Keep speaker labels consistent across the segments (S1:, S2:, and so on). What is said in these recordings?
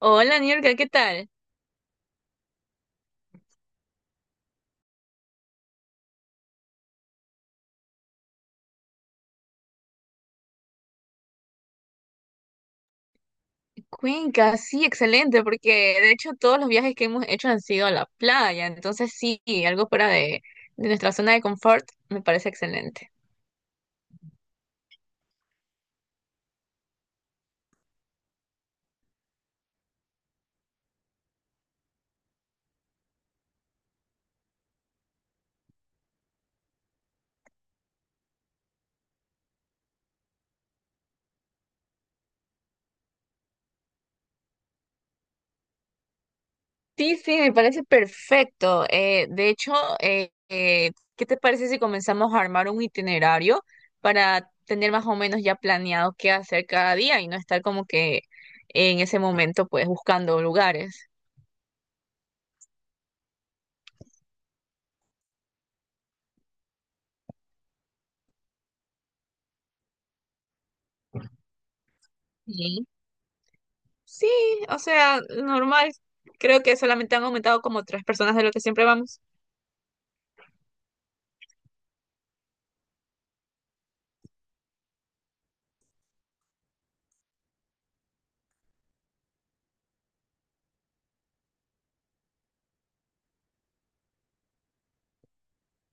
S1: Hola, Niurka, ¿qué tal? Cuenca, sí, excelente, porque de hecho todos los viajes que hemos hecho han sido a la playa, entonces sí, algo fuera de nuestra zona de confort me parece excelente. Sí, sí, me parece perfecto. De hecho, ¿qué te parece si comenzamos a armar un itinerario para tener más o menos ya planeado qué hacer cada día y no estar como que en ese momento pues buscando lugares? Sí, sí, o sea, normal. Creo que solamente han aumentado como tres personas de lo que siempre vamos.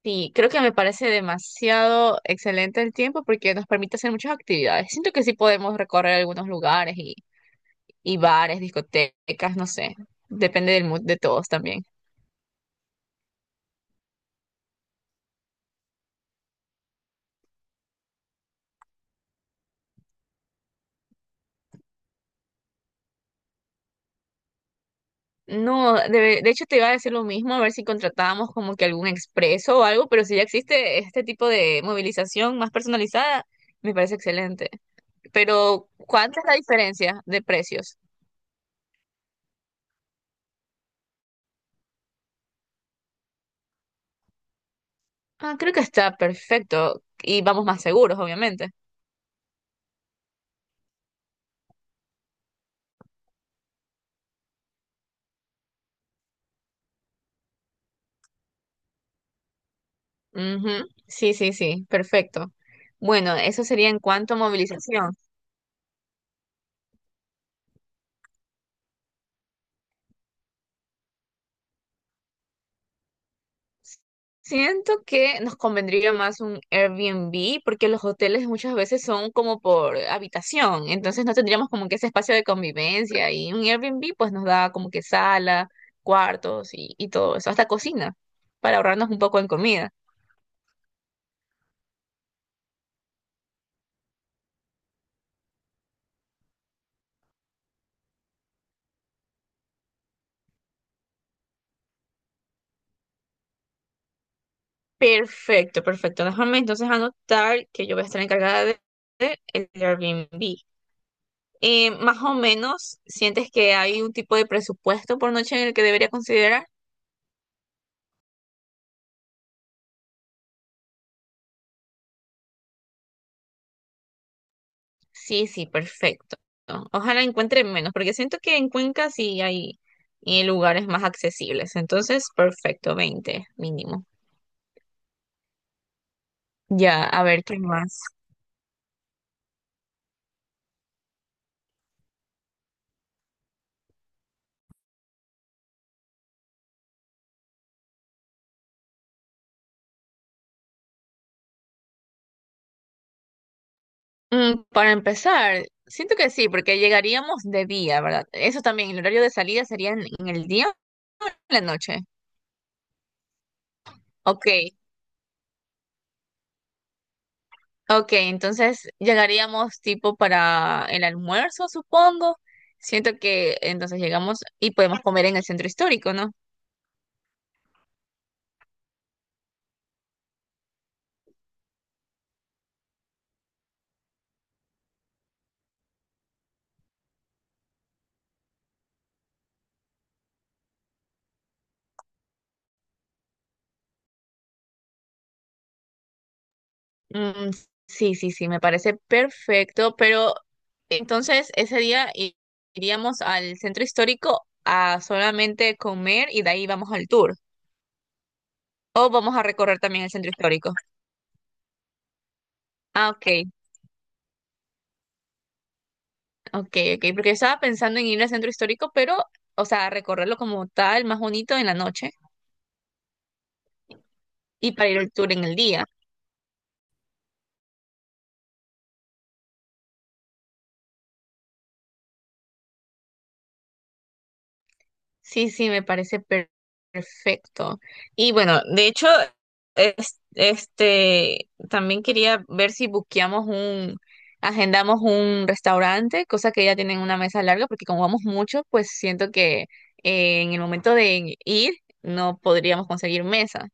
S1: Sí, creo que me parece demasiado excelente el tiempo porque nos permite hacer muchas actividades. Siento que sí podemos recorrer algunos lugares y bares, discotecas, no sé. Depende del mood de todos también. No, de hecho te iba a decir lo mismo, a ver si contratábamos como que algún expreso o algo, pero si ya existe este tipo de movilización más personalizada, me parece excelente. Pero, ¿cuánta es la diferencia de precios? Ah, creo que está perfecto y vamos más seguros, obviamente. Ujú, sí, sí, sí, perfecto. Bueno, eso sería en cuanto a movilización. Siento que nos convendría más un Airbnb porque los hoteles muchas veces son como por habitación, entonces no tendríamos como que ese espacio de convivencia, y un Airbnb pues nos da como que sala, cuartos y todo eso, hasta cocina, para ahorrarnos un poco en comida. Perfecto, perfecto. Déjame entonces anotar que yo voy a estar encargada del Airbnb. Más o menos, ¿sientes que hay un tipo de presupuesto por noche en el que debería considerar? Sí, sí, perfecto. Ojalá encuentre menos, porque siento que en Cuenca sí hay lugares más accesibles. Entonces, perfecto, 20 mínimo. Ya, a ver, ¿qué más? Mm, para empezar, siento que sí, porque llegaríamos de día, ¿verdad? Eso también, el horario de salida sería en el día o en la noche. Ok, ok, entonces llegaríamos tipo para el almuerzo, supongo. Siento que entonces llegamos y podemos comer en el centro histórico, ¿no? Mm, sí, sí, sí, me parece perfecto, pero entonces ese día iríamos al centro histórico a solamente comer y de ahí vamos al tour. O vamos a recorrer también el centro histórico. Ah, ok, ok, ok, porque estaba pensando en ir al centro histórico, pero, o sea, recorrerlo como tal, más bonito en la noche y para ir al tour en el día. Sí, sí, me parece perfecto. Y bueno, de hecho, este, también quería ver si agendamos un restaurante, cosa que ya tienen una mesa larga, porque como vamos mucho, pues siento que en el momento de ir no podríamos conseguir mesa.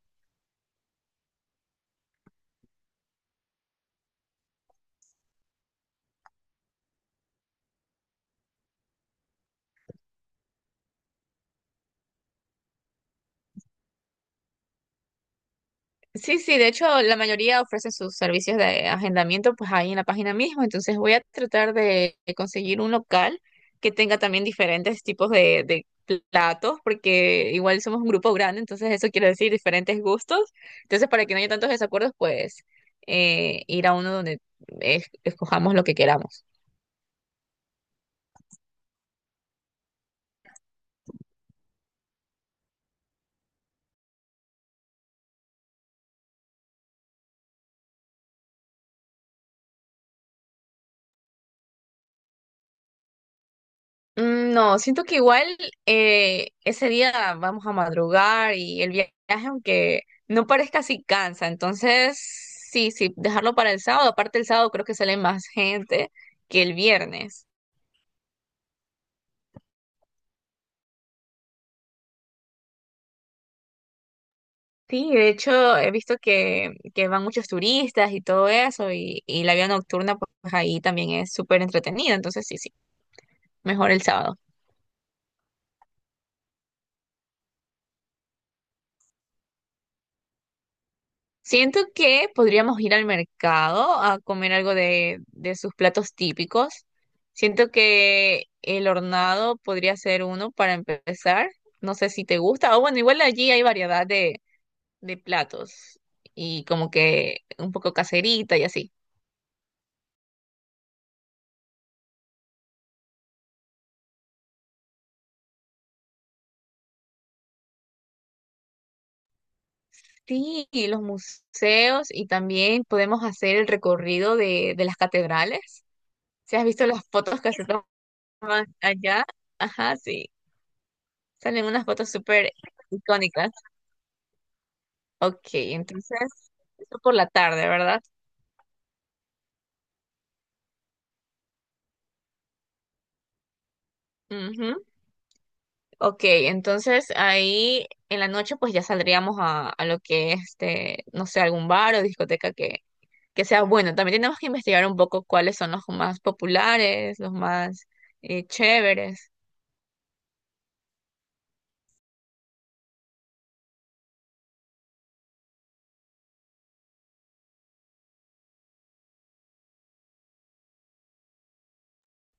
S1: Sí, sí, de hecho la mayoría ofrecen sus servicios de agendamiento pues ahí en la página misma, entonces voy a tratar de conseguir un local que tenga también diferentes tipos de platos, porque igual somos un grupo grande, entonces eso quiere decir diferentes gustos, entonces para que no haya tantos desacuerdos pues ir a uno donde escojamos lo que queramos. Mm, no, siento que igual ese día vamos a madrugar y el viaje, aunque no parezca así, cansa. Entonces, sí, sí, dejarlo para el sábado. Aparte, el sábado creo que sale más gente que el viernes. Sí, de hecho, he visto que van muchos turistas y todo eso, y la vida nocturna, pues ahí también es súper entretenida. Entonces, sí, sí, mejor el sábado. Siento que podríamos ir al mercado a comer algo de sus platos típicos. Siento que el hornado podría ser uno para empezar. No sé si te gusta. O bueno, igual allí hay variedad de platos y como que un poco caserita y así. Sí, y los museos y también podemos hacer el recorrido de las catedrales. ¿Si has visto las fotos que se toman allá? Ajá, sí. Salen unas fotos súper icónicas. Ok, entonces, eso por la tarde, ¿verdad? Ujú. Ok, entonces ahí en la noche pues ya saldríamos a lo que este, no sé, algún bar o discoteca que sea bueno. También tenemos que investigar un poco cuáles son los más populares, los más chéveres.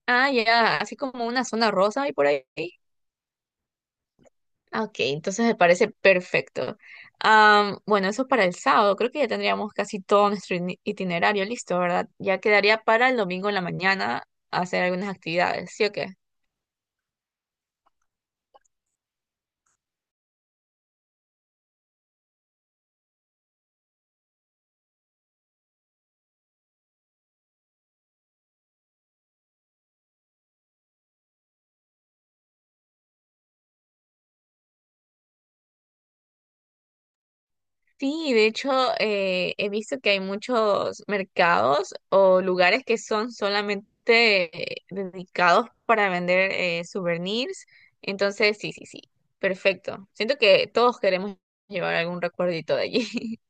S1: Ah, ya, así como una zona rosa y por ahí. Ah, ok, entonces me parece perfecto. Am, bueno, eso para el sábado. Creo que ya tendríamos casi todo nuestro itinerario listo, ¿verdad? Ya quedaría para el domingo en la mañana hacer algunas actividades, ¿sí o qué? Sí, de hecho, he visto que hay muchos mercados o lugares que son solamente dedicados para vender souvenirs. Entonces, sí, sí, sí, perfecto. Siento que todos queremos llevar algún recuerdito de allí.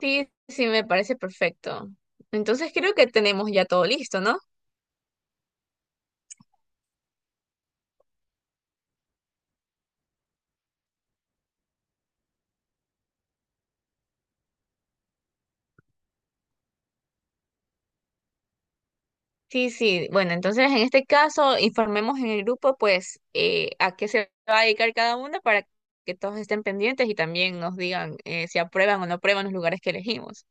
S1: Sí, sí, me parece perfecto. Entonces creo que tenemos ya todo listo, ¿no? Sí, sí. Bueno, entonces en este caso informemos en el grupo, pues, a qué se va a dedicar cada uno para que todos estén pendientes y también nos digan si aprueban o no aprueban los lugares que elegimos.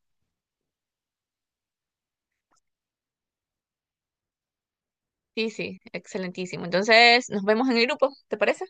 S1: Sí, sí, excelentísimo. Entonces nos vemos en el grupo, ¿te parece?